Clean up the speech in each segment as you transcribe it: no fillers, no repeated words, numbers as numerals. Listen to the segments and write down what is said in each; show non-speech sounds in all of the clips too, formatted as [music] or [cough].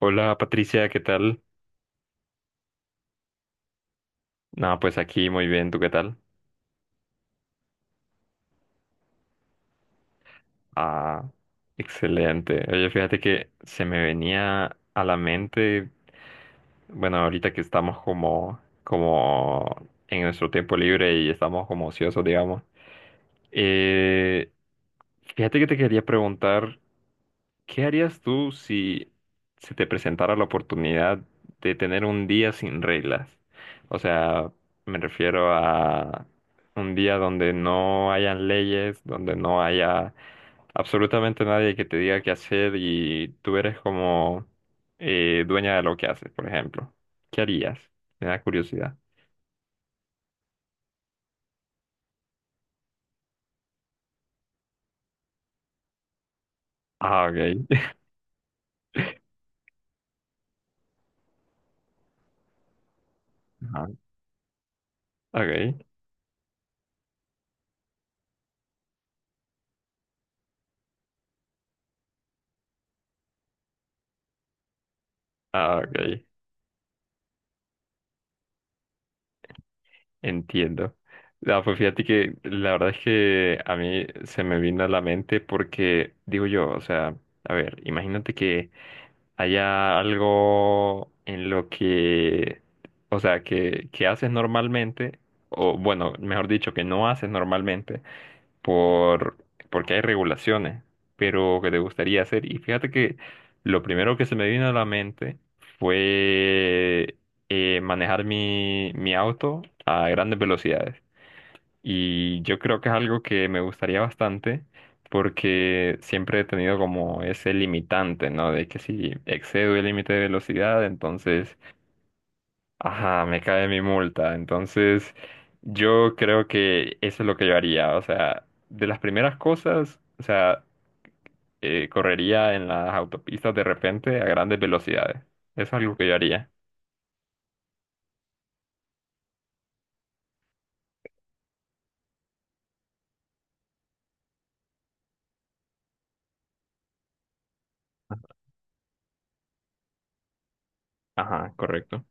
Hola Patricia, ¿qué tal? No, pues aquí muy bien, ¿tú qué tal? Ah, excelente. Oye, fíjate que se me venía a la mente, bueno, ahorita que estamos como en nuestro tiempo libre y estamos como ociosos, digamos. Eh, fíjate que te quería preguntar. ¿Qué harías tú si se te presentara la oportunidad de tener un día sin reglas? O sea, me refiero a un día donde no hayan leyes, donde no haya absolutamente nadie que te diga qué hacer y tú eres como dueña de lo que haces, por ejemplo. ¿Qué harías? Me da curiosidad. Ah, ok. [laughs] Ajá. Ok. Ah, ok. Entiendo. No, pues fíjate que la verdad es que a mí se me vino a la mente porque digo yo, o sea, a ver, imagínate que haya algo en lo que, o sea, que haces normalmente, o bueno, mejor dicho, que no haces normalmente, por, porque hay regulaciones, pero que te gustaría hacer. Y fíjate que lo primero que se me vino a la mente fue manejar mi auto a grandes velocidades. Y yo creo que es algo que me gustaría bastante porque siempre he tenido como ese limitante, ¿no? De que si excedo el límite de velocidad, entonces. Ajá, me cae mi multa. Entonces, yo creo que eso es lo que yo haría. O sea, de las primeras cosas, o sea, correría en las autopistas de repente a grandes velocidades. Eso es algo que yo haría. Ajá, correcto.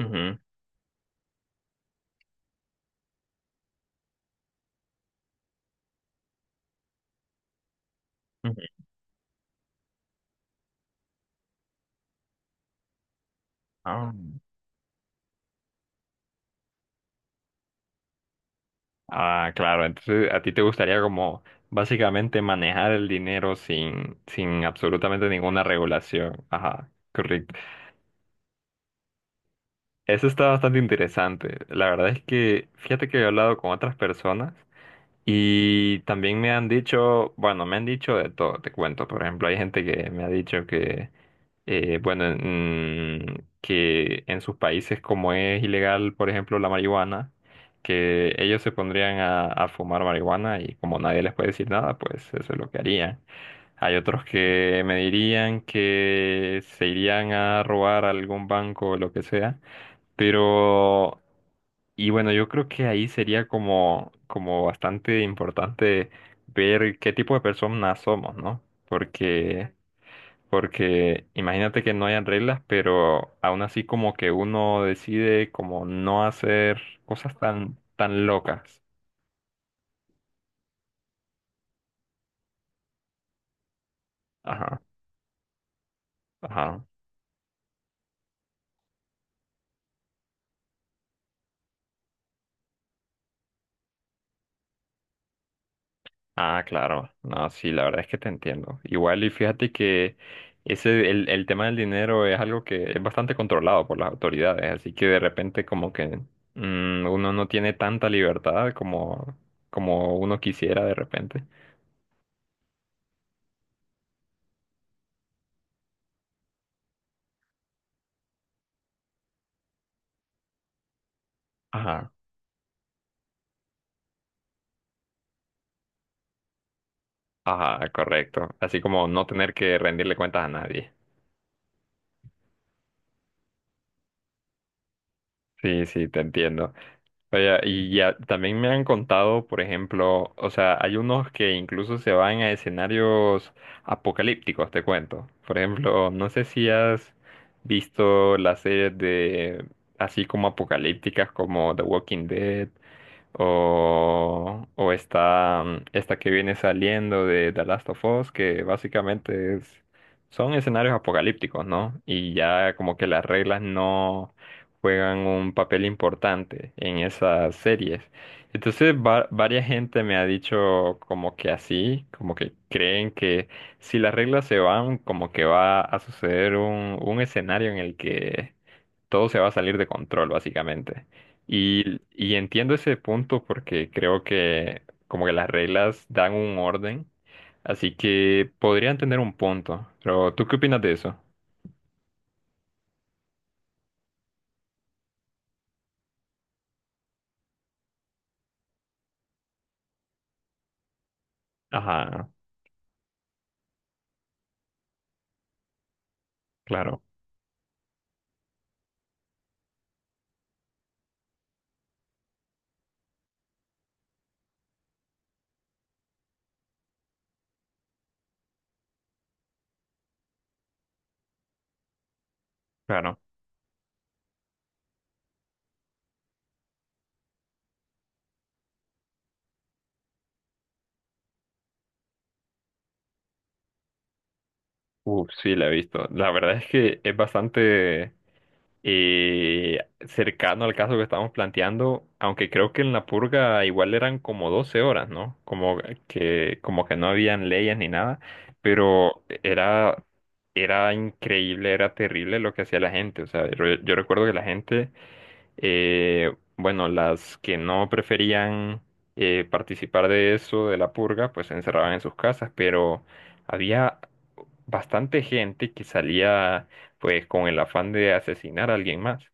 Ujú, ujú. Ah, ah, claro. Entonces, a ti te gustaría como básicamente manejar el dinero sin absolutamente ninguna regulación. Ajá, correcto. Eso está bastante interesante. La verdad es que, fíjate que he hablado con otras personas. Y también me han dicho, bueno, me han dicho de todo, te cuento. Por ejemplo, hay gente que me ha dicho que, bueno, que en sus países como es ilegal, por ejemplo, la marihuana, que ellos se pondrían a fumar marihuana y como nadie les puede decir nada, pues eso es lo que harían. Hay otros que me dirían que se irían a robar a algún banco o lo que sea pero, y bueno, yo creo que ahí sería como, bastante importante ver qué tipo de personas somos, ¿no? Porque, porque imagínate que no hayan reglas, pero aún así como que uno decide como no hacer cosas tan locas. Ajá, ajá. Ah, claro. No, sí, la verdad es que te entiendo. Igual, y fíjate que el tema del dinero es algo que es bastante controlado por las autoridades, así que de repente como que uno no tiene tanta libertad como uno quisiera de repente. Ajá. Ajá, correcto. Así como no tener que rendirle cuentas a nadie. Sí, sí, te entiendo. Oye, y ya también me han contado, por ejemplo, o sea, hay unos que incluso se van a escenarios apocalípticos, te cuento. Por ejemplo, no sé si has visto las series de así como apocalípticas como The Walking Dead o está esta que viene saliendo de The Last of Us, que básicamente son escenarios apocalípticos, ¿no? Y ya como que las reglas no juegan un papel importante en esas series. Entonces, varias gente me ha dicho como que así, como que creen que si las reglas se van, como que va a suceder un escenario en el que todo se va a salir de control, básicamente. Y entiendo ese punto porque creo que como que las reglas dan un orden, así que podrían tener un punto. Pero ¿tú qué opinas de eso? Ajá, claro, claro. Uf, sí, la he visto. La verdad es que es bastante eh, cercano al caso que estamos planteando, aunque creo que en la purga igual eran como 12 horas, ¿no? Como que no habían leyes ni nada, pero era, increíble, era terrible lo que hacía la gente. O sea, yo recuerdo que la gente bueno, las que no preferían participar de eso, de la purga, pues se encerraban en sus casas, pero había bastante gente que salía pues con el afán de asesinar a alguien más.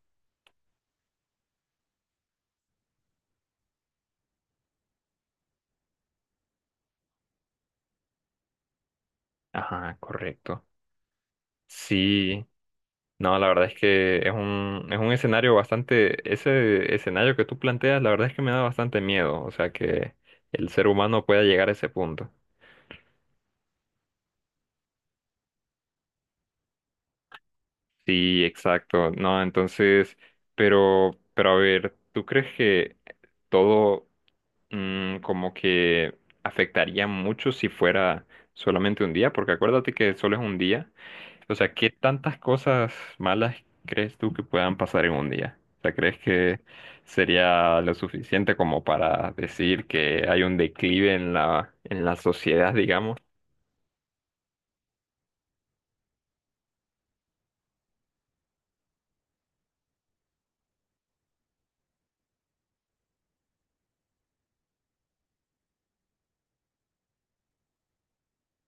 Ajá, correcto. Sí, no, la verdad es que es un escenario bastante, ese escenario que tú planteas, la verdad es que me da bastante miedo, o sea que el ser humano pueda llegar a ese punto. Sí, exacto. No, entonces, pero a ver, ¿tú crees que todo como que afectaría mucho si fuera solamente un día? Porque acuérdate que solo es un día. O sea, ¿qué tantas cosas malas crees tú que puedan pasar en un día? O sea, ¿crees que sería lo suficiente como para decir que hay un declive en la sociedad, digamos?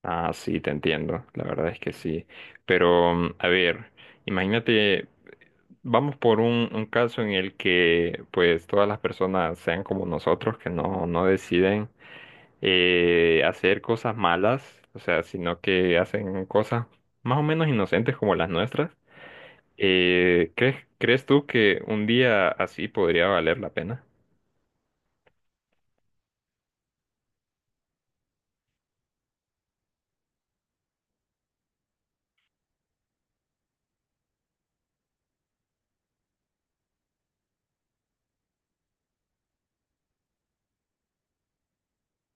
Ah, sí, te entiendo, la verdad es que sí. Pero, a ver, imagínate, vamos por un caso en el que pues todas las personas sean como nosotros, que no deciden hacer cosas malas, o sea, sino que hacen cosas más o menos inocentes como las nuestras. ¿Crees tú que un día así podría valer la pena?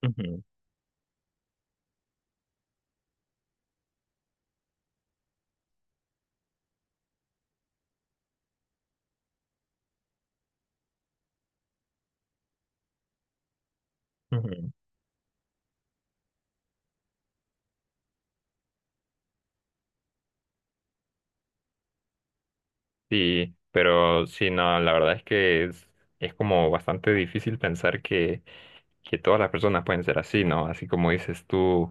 Ujú, ujú. Sí, pero sí, no, la verdad es que es como bastante difícil pensar que todas las personas pueden ser así, ¿no? Así como dices tú,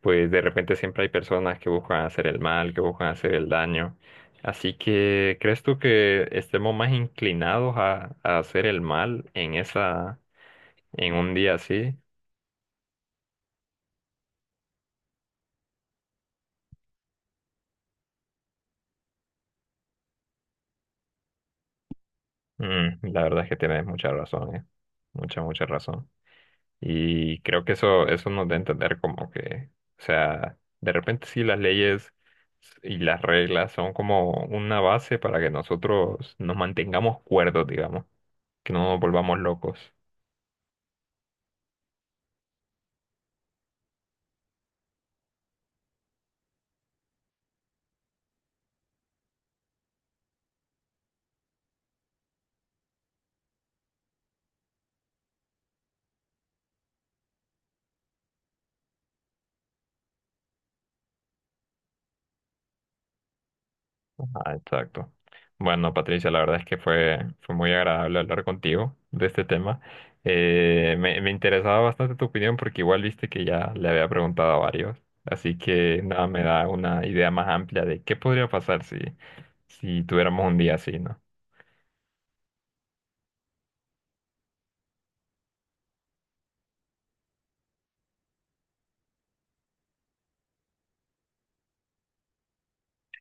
pues de repente siempre hay personas que buscan hacer el mal, que buscan hacer el daño. Así que, ¿crees tú que estemos más inclinados a hacer el mal en un día así? La verdad es que tienes mucha razón, ¿eh? Mucha, mucha razón. Y creo que eso nos da a entender como que, o sea, de repente sí las leyes y las reglas son como una base para que nosotros nos mantengamos cuerdos, digamos, que no nos volvamos locos. Ah, exacto. Bueno, Patricia, la verdad es que fue muy agradable hablar contigo de este tema. Me interesaba bastante tu opinión porque igual viste que ya le había preguntado a varios. Así que nada, me da una idea más amplia de qué podría pasar si tuviéramos un día así, ¿no?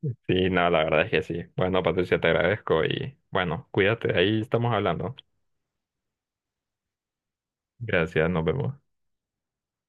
Sí, no, la verdad es que sí. Bueno, Patricia, te agradezco y bueno, cuídate, ahí estamos hablando. Gracias, nos vemos.